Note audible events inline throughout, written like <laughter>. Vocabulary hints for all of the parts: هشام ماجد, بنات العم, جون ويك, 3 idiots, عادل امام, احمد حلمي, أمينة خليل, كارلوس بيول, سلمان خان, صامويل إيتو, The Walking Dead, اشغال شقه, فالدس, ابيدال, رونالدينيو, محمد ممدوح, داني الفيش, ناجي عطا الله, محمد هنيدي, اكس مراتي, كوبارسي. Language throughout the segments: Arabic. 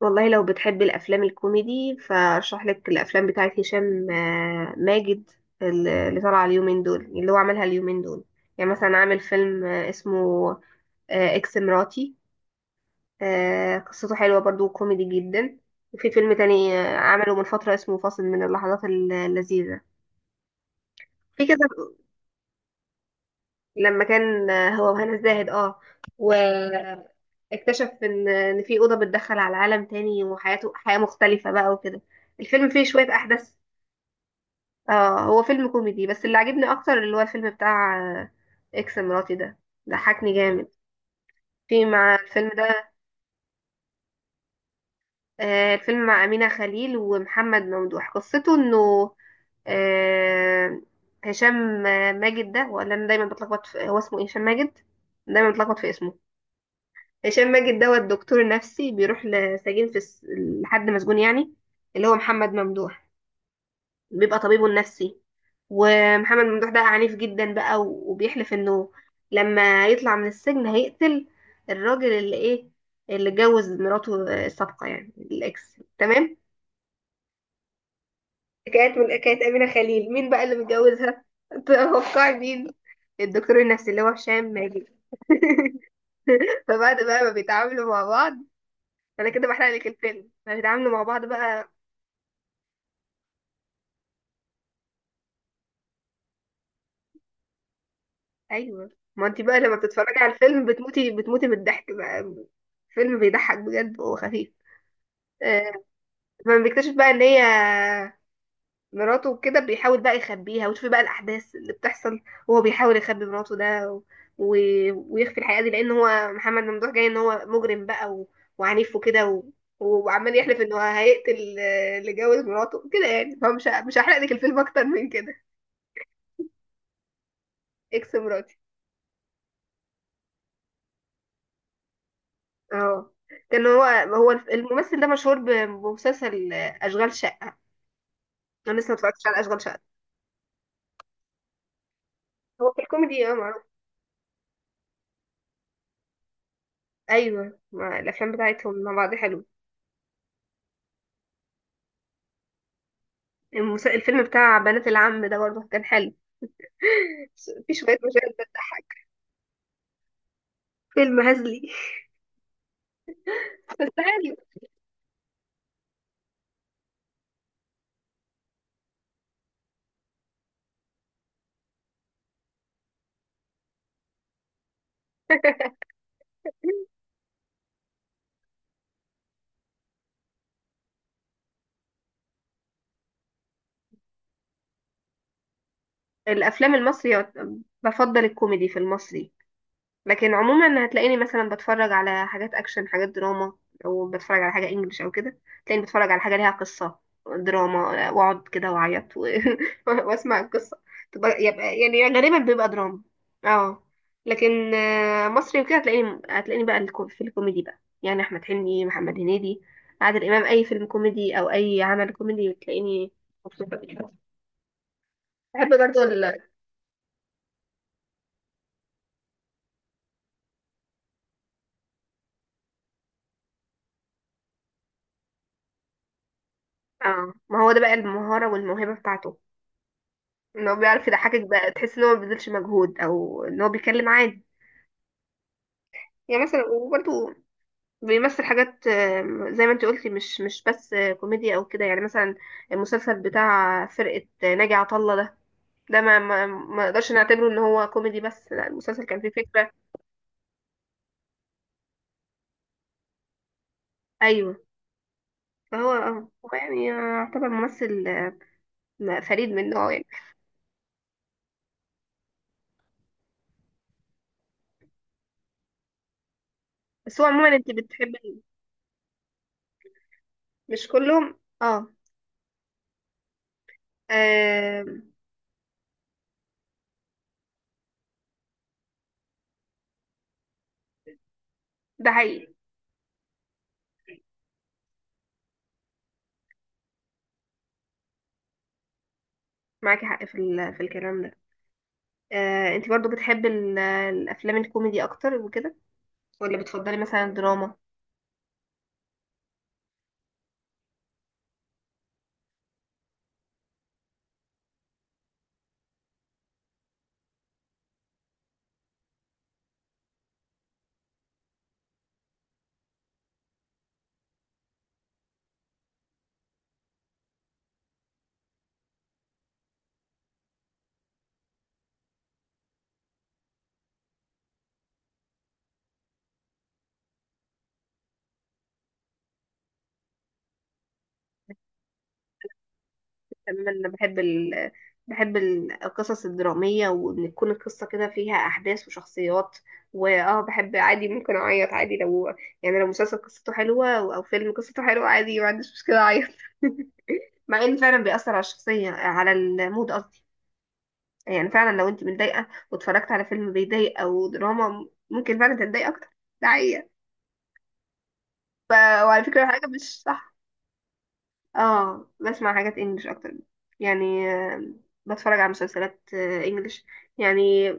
والله لو بتحب الافلام الكوميدي فارشح لك الافلام بتاعت هشام ماجد اللي طالعه اليومين دول اللي هو عملها اليومين دول. يعني مثلا عامل فيلم اسمه اكس مراتي. قصته حلوه برضو كوميدي جدا. وفي فيلم تاني عمله من فتره اسمه فاصل من اللحظات اللذيذه في كذا، لما كان هو وهنا الزاهد اه واكتشف ان في اوضه بتدخل على عالم تاني وحياته حياه مختلفه بقى وكده. الفيلم فيه شوية أحداث. اه هو فيلم كوميدي، بس اللي عجبني اكتر اللي هو الفيلم بتاع اكس مراتي ده. ضحكني جامد في مع الفيلم ده. الفيلم مع أمينة خليل ومحمد ممدوح، قصته انه آه، هشام ماجد ده، ولا انا دايما بتلخبط في هو اسمه ايه؟ هشام ماجد. دايما بتلخبط في اسمه. هشام ماجد ده هو الدكتور النفسي، بيروح لسجين في لحد مسجون يعني، اللي هو محمد ممدوح، بيبقى طبيبه النفسي. ومحمد ممدوح ده عنيف جدا بقى، وبيحلف انه لما يطلع من السجن هيقتل الراجل اللي ايه، اللي اتجوز مراته السابقة، يعني الاكس، تمام. كانت من كانت أمينة خليل، مين بقى اللي متجوزها؟ توقعي مين. الدكتور النفسي اللي هو هشام ماجد. <laughs> فبعد بقى ما بيتعاملوا مع بعض، انا كده بحرق لك الفيلم، ما بيتعاملوا مع بعض بقى. ايوه، ما انت بقى لما بتتفرجي على الفيلم بتموتي من الضحك بقى. فيلم بيضحك بجد وخفيف. آه، فلما بيكتشف بقى ان هي مراته وكده، بيحاول بقى يخبيها، وتشوفي بقى الاحداث اللي بتحصل وهو بيحاول يخبي مراته ده، و... ويخفي الحقيقه دي، لان هو محمد ممدوح جاي ان هو مجرم بقى وعنيف وكده، وعمال يحلف ان هو هيقتل اللي جوز مراته كده، يعني هو مش مش هحرق لك الفيلم اكتر من كده. اكس مراتي. اه، كان هو، هو الممثل ده مشهور بمسلسل اشغال شقه. انا لسه ما اتفرجتش على اشغال شقه. هو في الكوميدي اه معروف. ايوه، ما الافلام بتاعتهم مع بعض حلو. الفيلم بتاع بنات العم ده برضه كان حلو. <laughs> في شويه مشاهد بتضحك، فيلم هزلي. <laughs> بس حلو. الافلام المصري، بفضل الكوميدي في المصري، لكن عموما هتلاقيني مثلا بتفرج على حاجات اكشن، حاجات دراما، او بتفرج على حاجه انجليش او كده. تلاقيني بتفرج على حاجه ليها قصه، دراما، واقعد كده واعيط <laughs> واسمع القصه. يبقى يعني غالبا بيبقى دراما. اه، لكن مصري وكده هتلاقيني، في الكوميدي بقى يعني احمد حلمي، محمد هنيدي، عادل امام. اي فيلم كوميدي او اي عمل كوميدي تلاقيني مبسوطه بيه. بحب برضه اه، ما هو ده بقى المهاره والموهبه بتاعته، ان هو بيعرف يضحكك بقى، تحس ان هو ما بيبذلش مجهود او ان هو بيتكلم عادي. يعني مثلا وبرده بيمثل حاجات، زي ما انت قلتي، مش بس كوميديا او كده. يعني مثلا المسلسل بتاع فرقة ناجي عطا الله ده، ده ما اقدرش نعتبره ان هو كوميدي بس، لا، المسلسل كان فيه فكرة. ايوه، فهو اه هو يعني يعتبر ممثل فريد من نوعه يعني. بس هو عموما انت بتحبي، مش كلهم اه. آم، ده حقيقي. معاكي حق في في الكلام ده. انت برضو بتحب الافلام الكوميدي اكتر وكده، ولا بتفضلي مثلا الدراما؟ تماما، انا بحب بحب القصص الدرامية، وان تكون القصة كده فيها احداث وشخصيات. واه بحب عادي، ممكن اعيط عادي، لو يعني لو مسلسل قصته حلوة او أو فيلم قصته حلوة، عادي ما عنديش مشكلة اعيط. مع ان فعلا بيأثر على الشخصية، على المود قصدي. يعني فعلا لو انت متضايقة واتفرجت على فيلم بيضايق او دراما، ممكن فعلا تتضايق اكتر. ده حقيقة. ف... وعلى فكرة حاجة مش صح، اه بسمع حاجات انجلش اكتر. يعني بتفرج على مسلسلات انجلش. يعني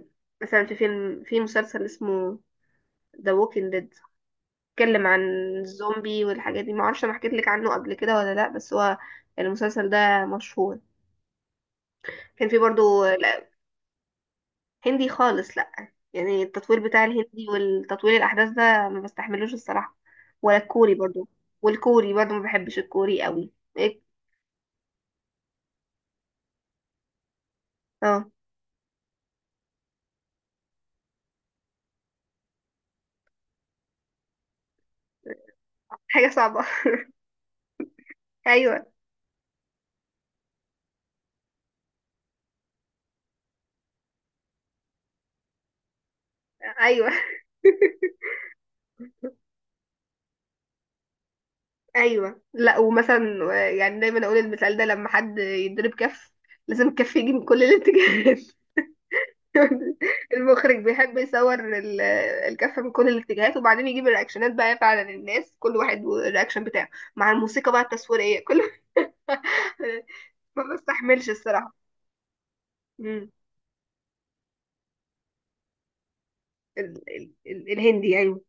مثلا في فيلم، في مسلسل اسمه The Walking Dead، بيتكلم عن الزومبي والحاجات دي. معرفش انا حكيت لك عنه قبل كده ولا لا، بس هو المسلسل ده مشهور. كان في برضو لا. هندي خالص لا، يعني التطوير بتاع الهندي والتطوير الاحداث ده، ما بستحملوش الصراحة. ولا الكوري برضو. والكوري برضو ما بحبش الكوري قوي إيه؟ اه، حاجة صعبة. <laughs> ايوه. ايوه، ايوه، لا. ومثلا يعني دايما اقول المثال ده، لما حد يضرب كف لازم الكف يجي من كل الاتجاهات. <laughs> المخرج بيحب يصور الكف من كل الاتجاهات، وبعدين يجيب الرياكشنات بقى فعلا، الناس كل واحد والرياكشن بتاعه مع الموسيقى بقى التصويرية، كل <laughs> ما بستحملش الصراحة. مم. ال الهندي، ايوه.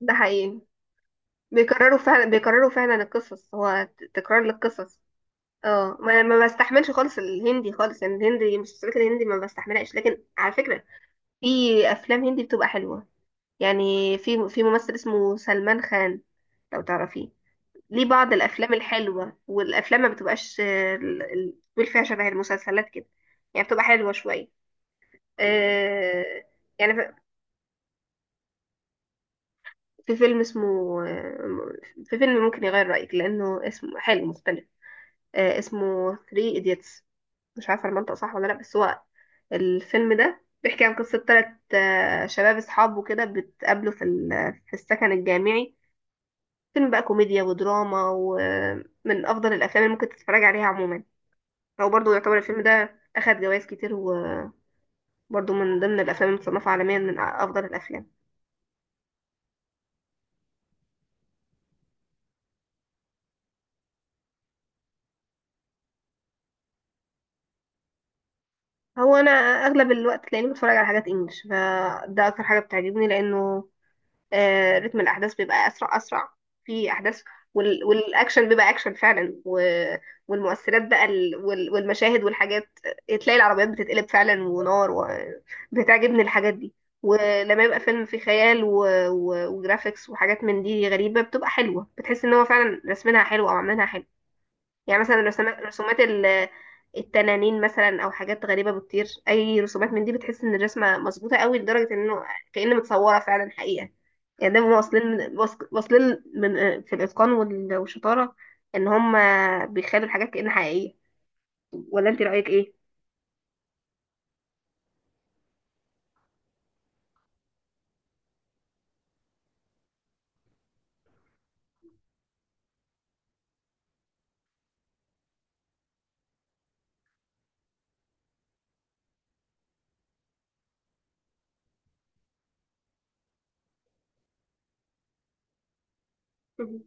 ده حقيقي. بيكرروا فعلا، بيكرروا فعلا القصص، هو تكرار للقصص. اه، ما ما بستحملش خالص الهندي خالص، يعني الهندي المسلسلات الهندي ما بستحملهاش، لكن على فكرة في افلام هندي بتبقى حلوة. يعني في في ممثل اسمه سلمان خان، لو تعرفيه، ليه بعض الافلام الحلوة، والافلام ما بتبقاش بيقول فيها شبه المسلسلات كده، يعني بتبقى حلوة شوية. آه، يعني في فيلم اسمه في فيلم ممكن يغير رأيك لأنه اسمه حلو مختلف. اسمه 3 idiots. مش عارفة المنطق صح ولا لأ، بس هو الفيلم ده بيحكي عن قصة تلات شباب أصحاب وكده، بتقابلوا في في السكن الجامعي. فيلم بقى كوميديا ودراما، ومن أفضل الأفلام اللي ممكن تتفرج عليها عموما. هو برضه يعتبر الفيلم ده أخد جوائز كتير، وبرضه من ضمن الأفلام المصنفة عالميا من أفضل الأفلام. هو أنا أغلب الوقت تلاقيني بتفرج على حاجات إنجلش، فده أكتر حاجة بتعجبني، لأنه رتم الأحداث بيبقى أسرع، أسرع في أحداث، والأكشن بيبقى أكشن فعلا، والمؤثرات بقى والمشاهد والحاجات، تلاقي العربيات بتتقلب فعلا ونار. وبتعجبني الحاجات دي، ولما يبقى فيلم فيه خيال وجرافيكس وحاجات من دي غريبة، بتبقى حلوة، بتحس ان هو فعلا رسمينها حلو او عاملينها حلو. يعني مثلا رسومات، التنانين مثلا، او حاجات غريبه بتطير، اي رسومات من دي بتحس ان الرسمه مظبوطه قوي، لدرجه انه كأن متصوره فعلا حقيقه. يعني ده واصلين واصلين من في الاتقان والشطاره، ان هم بيخلوا الحاجات كأن حقيقيه. ولا انت رايك ايه؟ مهم.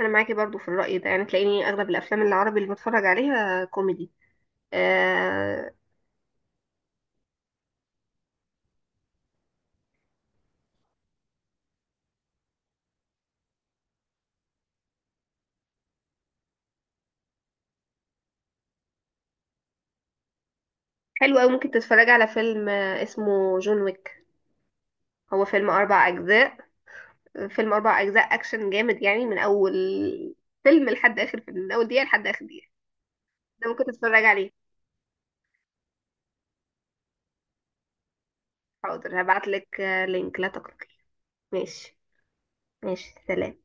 انا معاكي برضو في الراي ده، يعني تلاقيني اغلب الافلام العربي اللي بتفرج عليها كوميدي. آه، حلو قوي. ممكن تتفرجي على فيلم اسمه جون ويك. هو فيلم اربع اجزاء. فيلم أربع أجزاء أكشن جامد، يعني من أول فيلم لحد آخر فيلم، من أول دقيقة لحد آخر دقيقة. ده ممكن تتفرج عليه. حاضر هبعتلك لينك، لا تقلقي. ماشي. ماشي، سلام.